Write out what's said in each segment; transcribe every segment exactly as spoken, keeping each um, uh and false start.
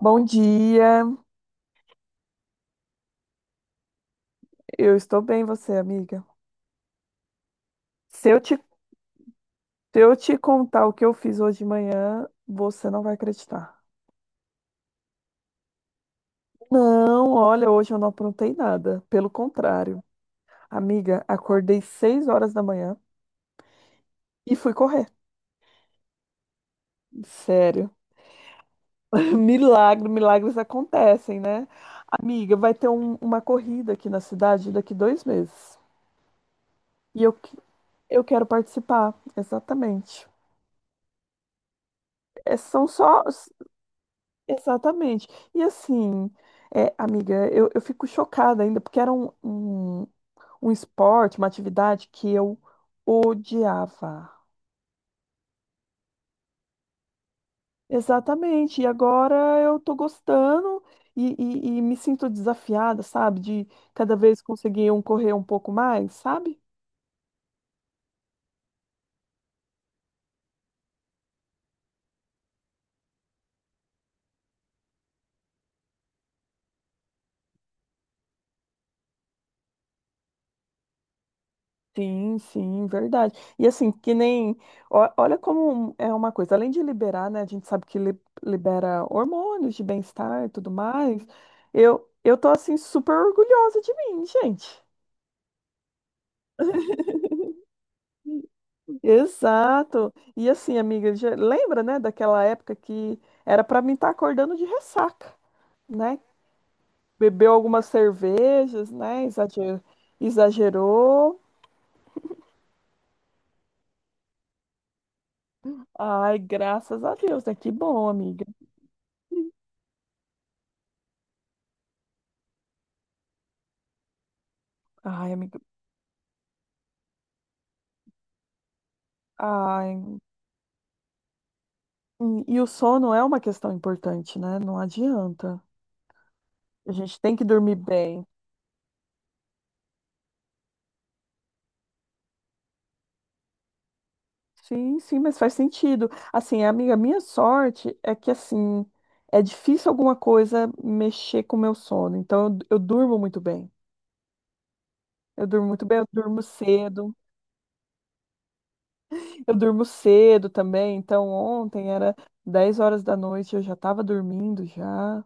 Bom dia, eu estou bem, você, amiga. Se eu te, se eu te contar o que eu fiz hoje de manhã, você não vai acreditar. Não, olha, hoje eu não aprontei nada. Pelo contrário, amiga, acordei seis horas da manhã e fui correr. Sério. Milagre, milagres acontecem, né? Amiga, vai ter um- uma corrida aqui na cidade daqui dois meses. E eu, que- eu quero participar, exatamente. É, são só. Exatamente. E assim, é, amiga, eu, eu fico chocada ainda, porque era um, um, um esporte, uma atividade que eu odiava. Exatamente. E agora eu tô gostando e, e, e me sinto desafiada, sabe? De cada vez conseguir um correr um pouco mais, sabe? Sim, sim, verdade. E assim, que nem. ó- Olha como é uma coisa, além de liberar, né? A gente sabe que li- libera hormônios de bem-estar e tudo mais. Eu, eu tô assim, super orgulhosa de mim, gente. Exato. E assim, amiga, já- lembra, né, daquela época que era pra mim estar acordando de ressaca, né? Bebeu algumas cervejas, né? Exagerou. Exagerou. Ai, graças a Deus, né? Que bom, amiga. Ai, amiga. Ai. E, e o sono é uma questão importante, né? Não adianta. A gente tem que dormir bem. Sim, sim, mas faz sentido. Assim, amiga, a minha sorte é que, assim, é difícil alguma coisa mexer com o meu sono. Então, eu, eu durmo muito bem. Eu durmo muito bem, eu durmo cedo. Eu durmo cedo também. Então, ontem era dez horas da noite, eu já estava dormindo já.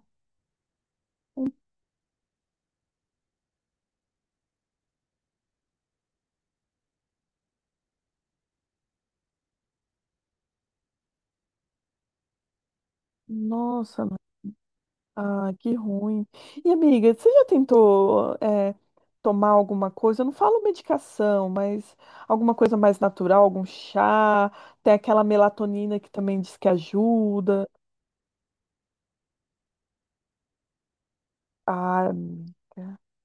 Nossa. Ah, que ruim. E amiga, você já tentou eh, tomar alguma coisa? Eu não falo medicação, mas alguma coisa mais natural, algum chá? Tem aquela melatonina que também diz que ajuda. Ah, amiga.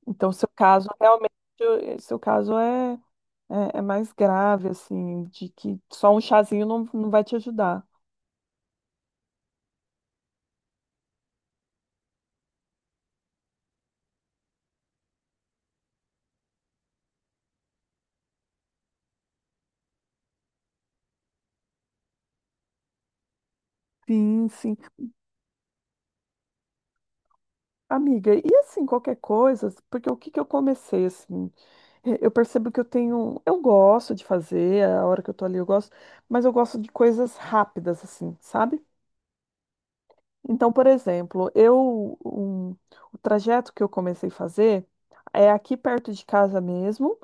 Então, seu caso realmente, eh, seu caso é, é, é mais grave, assim, de que só um chazinho não, não vai te ajudar. Sim, sim. Amiga, e assim, qualquer coisa, porque o que que eu comecei, assim, eh, eu percebo que eu tenho, eu gosto de fazer, a hora que eu tô ali eu gosto, mas eu gosto de coisas rápidas, assim, sabe? Então, por exemplo, eu, um- o trajeto que eu comecei a fazer é aqui perto de casa mesmo,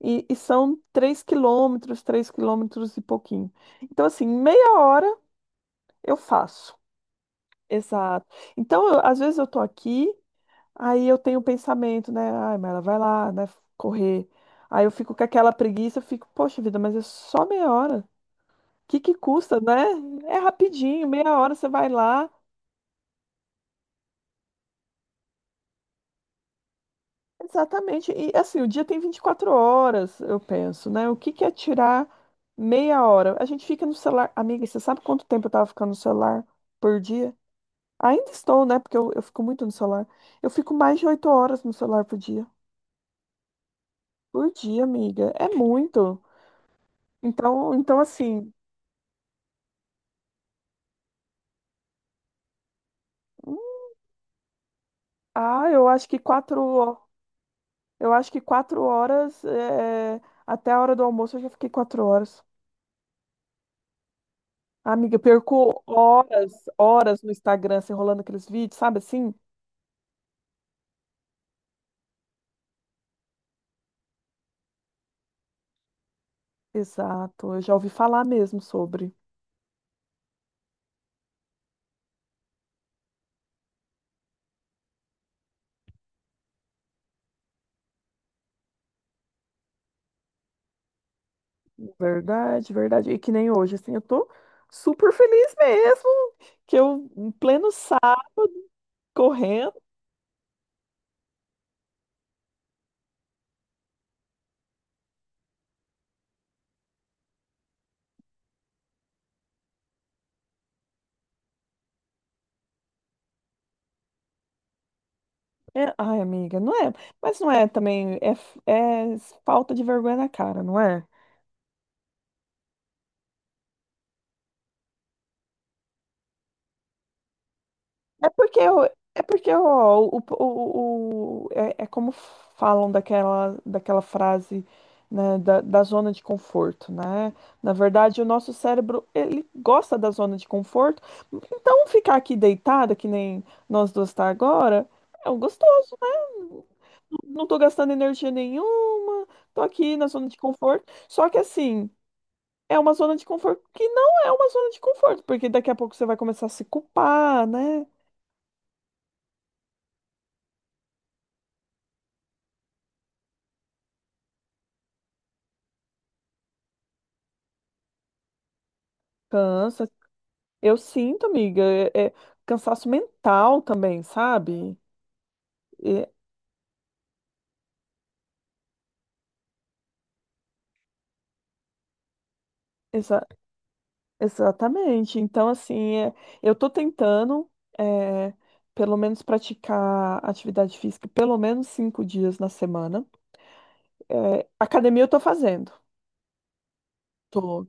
e, e são três quilômetros, três quilômetros e pouquinho. Então, assim, em meia hora eu faço. Exato. Então, eu- às vezes eu tô aqui. Aí eu tenho o pensamento, né? Ai, mas ela vai lá, né? Correr. Aí eu fico com aquela preguiça, eu fico, poxa vida, mas é só meia hora. O que que custa, né? É rapidinho, meia hora você vai lá. Exatamente. E assim, o dia tem vinte e quatro horas, eu penso, né? O que que é tirar meia hora? A gente fica no celular. Amiga, você sabe quanto tempo eu tava ficando no celular por dia? Ainda estou, né? Porque eu, eu fico muito no celular. Eu fico mais de oito horas no celular por dia. Por dia, amiga. É muito. Então, então assim. Hum, Ah, eu acho que quatro, ho- eu acho que quatro horas, é, até a hora do almoço eu já fiquei quatro horas. Amiga, eu perco horas, horas no Instagram, se enrolando aqueles vídeos, sabe assim? Exato, eu já ouvi falar mesmo sobre. Verdade, verdade. E que nem hoje, assim, eu tô super feliz mesmo, que eu, em pleno sábado, correndo. É, ai, amiga, não é, mas não é também, é, f- é falta de vergonha na cara, não é? É porque, o- é porque ó, o, o, o- é, é como falam daquela, daquela frase, né, da, da zona de conforto, né? Na verdade, o nosso cérebro, ele gosta da zona de conforto, então ficar aqui deitada, que nem nós duas tá agora, é um gostoso, né? Não tô gastando energia nenhuma, tô aqui na zona de conforto. Só que assim, é uma zona de conforto que não é uma zona de conforto, porque daqui a pouco você vai começar a se culpar, né? Cansa. Eu sinto, amiga, é, é cansaço mental também, sabe? É, exa- exatamente. Então, assim, é, eu tô tentando, é, pelo menos, praticar atividade física pelo menos cinco dias na semana. É, academia eu tô fazendo. Tô.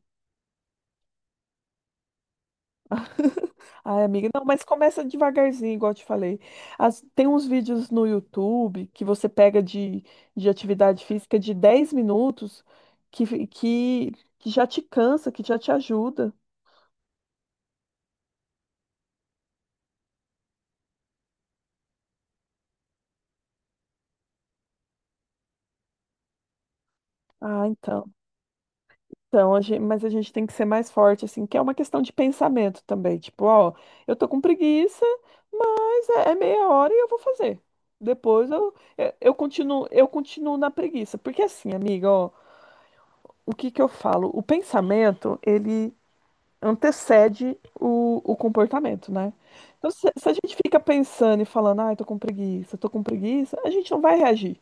Ai, amiga, não, mas começa devagarzinho, igual eu te falei. As- tem uns vídeos no YouTube que você pega de, de atividade física de dez minutos que, fi- que, que já te cansa, que já te ajuda. Ah, então. Então, a gente, mas a gente tem que ser mais forte, assim, que é uma questão de pensamento também. Tipo, ó, eu tô com preguiça, mas é, é meia hora e eu vou fazer. Depois eu, eu, eu continuo, eu continuo na preguiça. Porque assim, amiga, ó, o que que eu falo? O pensamento, ele antecede o, o comportamento, né? Então, se, se a gente fica pensando e falando, ai, tô com preguiça, tô com preguiça, a gente não vai reagir.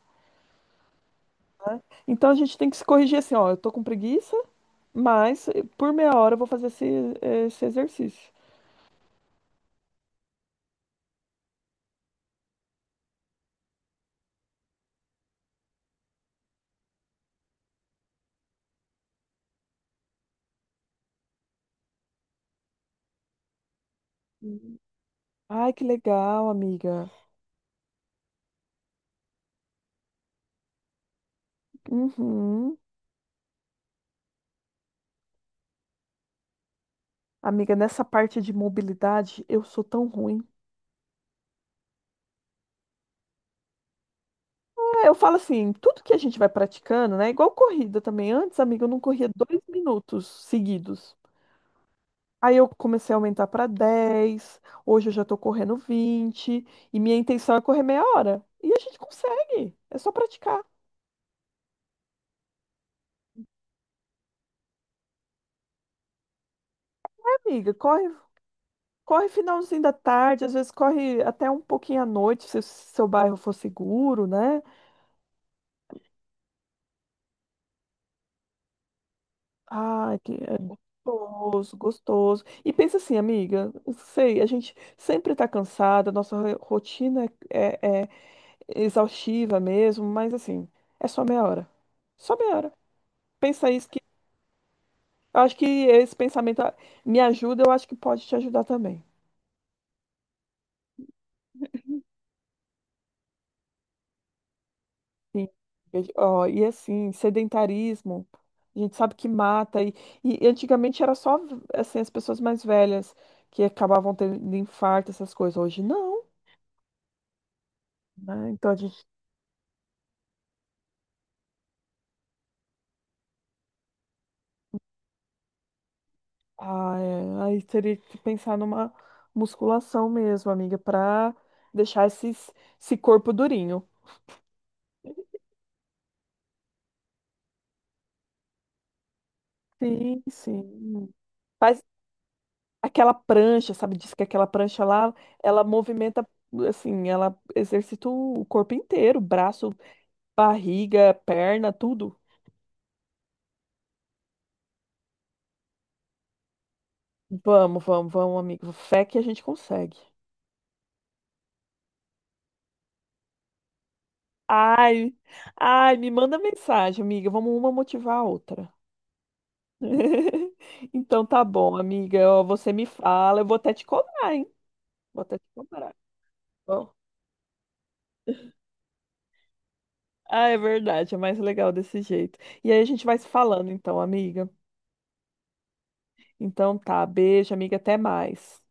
Então, a gente tem que se corrigir assim, ó, eu tô com preguiça, mas eh, por meia hora eu vou fazer esse, esse exercício. Uhum. Ai, que legal, amiga. Uhum. Amiga, nessa parte de mobilidade, eu sou tão ruim. É, eu falo assim, tudo que a gente vai praticando, né? Igual corrida também. Antes, amiga, eu não corria dois minutos seguidos. Aí eu comecei a aumentar para dez. Hoje eu já tô correndo vinte e minha intenção é correr meia hora. E a gente consegue, é só praticar, amiga. Corre, corre finalzinho da tarde, às vezes corre até um pouquinho à noite, se o seu bairro for seguro, né? Ai, que é gostoso, gostoso. E pensa assim, amiga, eu sei, a gente sempre tá cansada, nossa ro- rotina é, é é exaustiva mesmo, mas assim, é só meia hora. Só meia hora. Pensa isso. Eu acho que esse pensamento ah, me ajuda, eu acho que pode te ajudar também. Sim. Eu- ó, e assim, sedentarismo, a gente sabe que mata. E, e antigamente era só assim, as pessoas mais velhas que acabavam tendo infarto, essas coisas. Hoje não, né? Então a gente. Ah, é, aí teria que pensar numa musculação mesmo, amiga, para deixar esses, esse corpo durinho. Sim, sim. Faz aquela prancha, sabe? Diz que aquela prancha lá, ela movimenta, assim, ela exercita o corpo inteiro, braço, barriga, perna, tudo. Vamos, vamos, vamos, amigo. Fé que a gente consegue. Ai, ai, me manda mensagem, amiga. Vamos uma motivar a outra. Então tá bom, amiga. Ó, você me fala, eu vou até te cobrar, hein? Vou até te cobrar. Tá. Bom, ah, é verdade, é mais legal desse jeito. E aí a gente vai se falando, então, amiga. Então tá, beijo, amiga, até mais.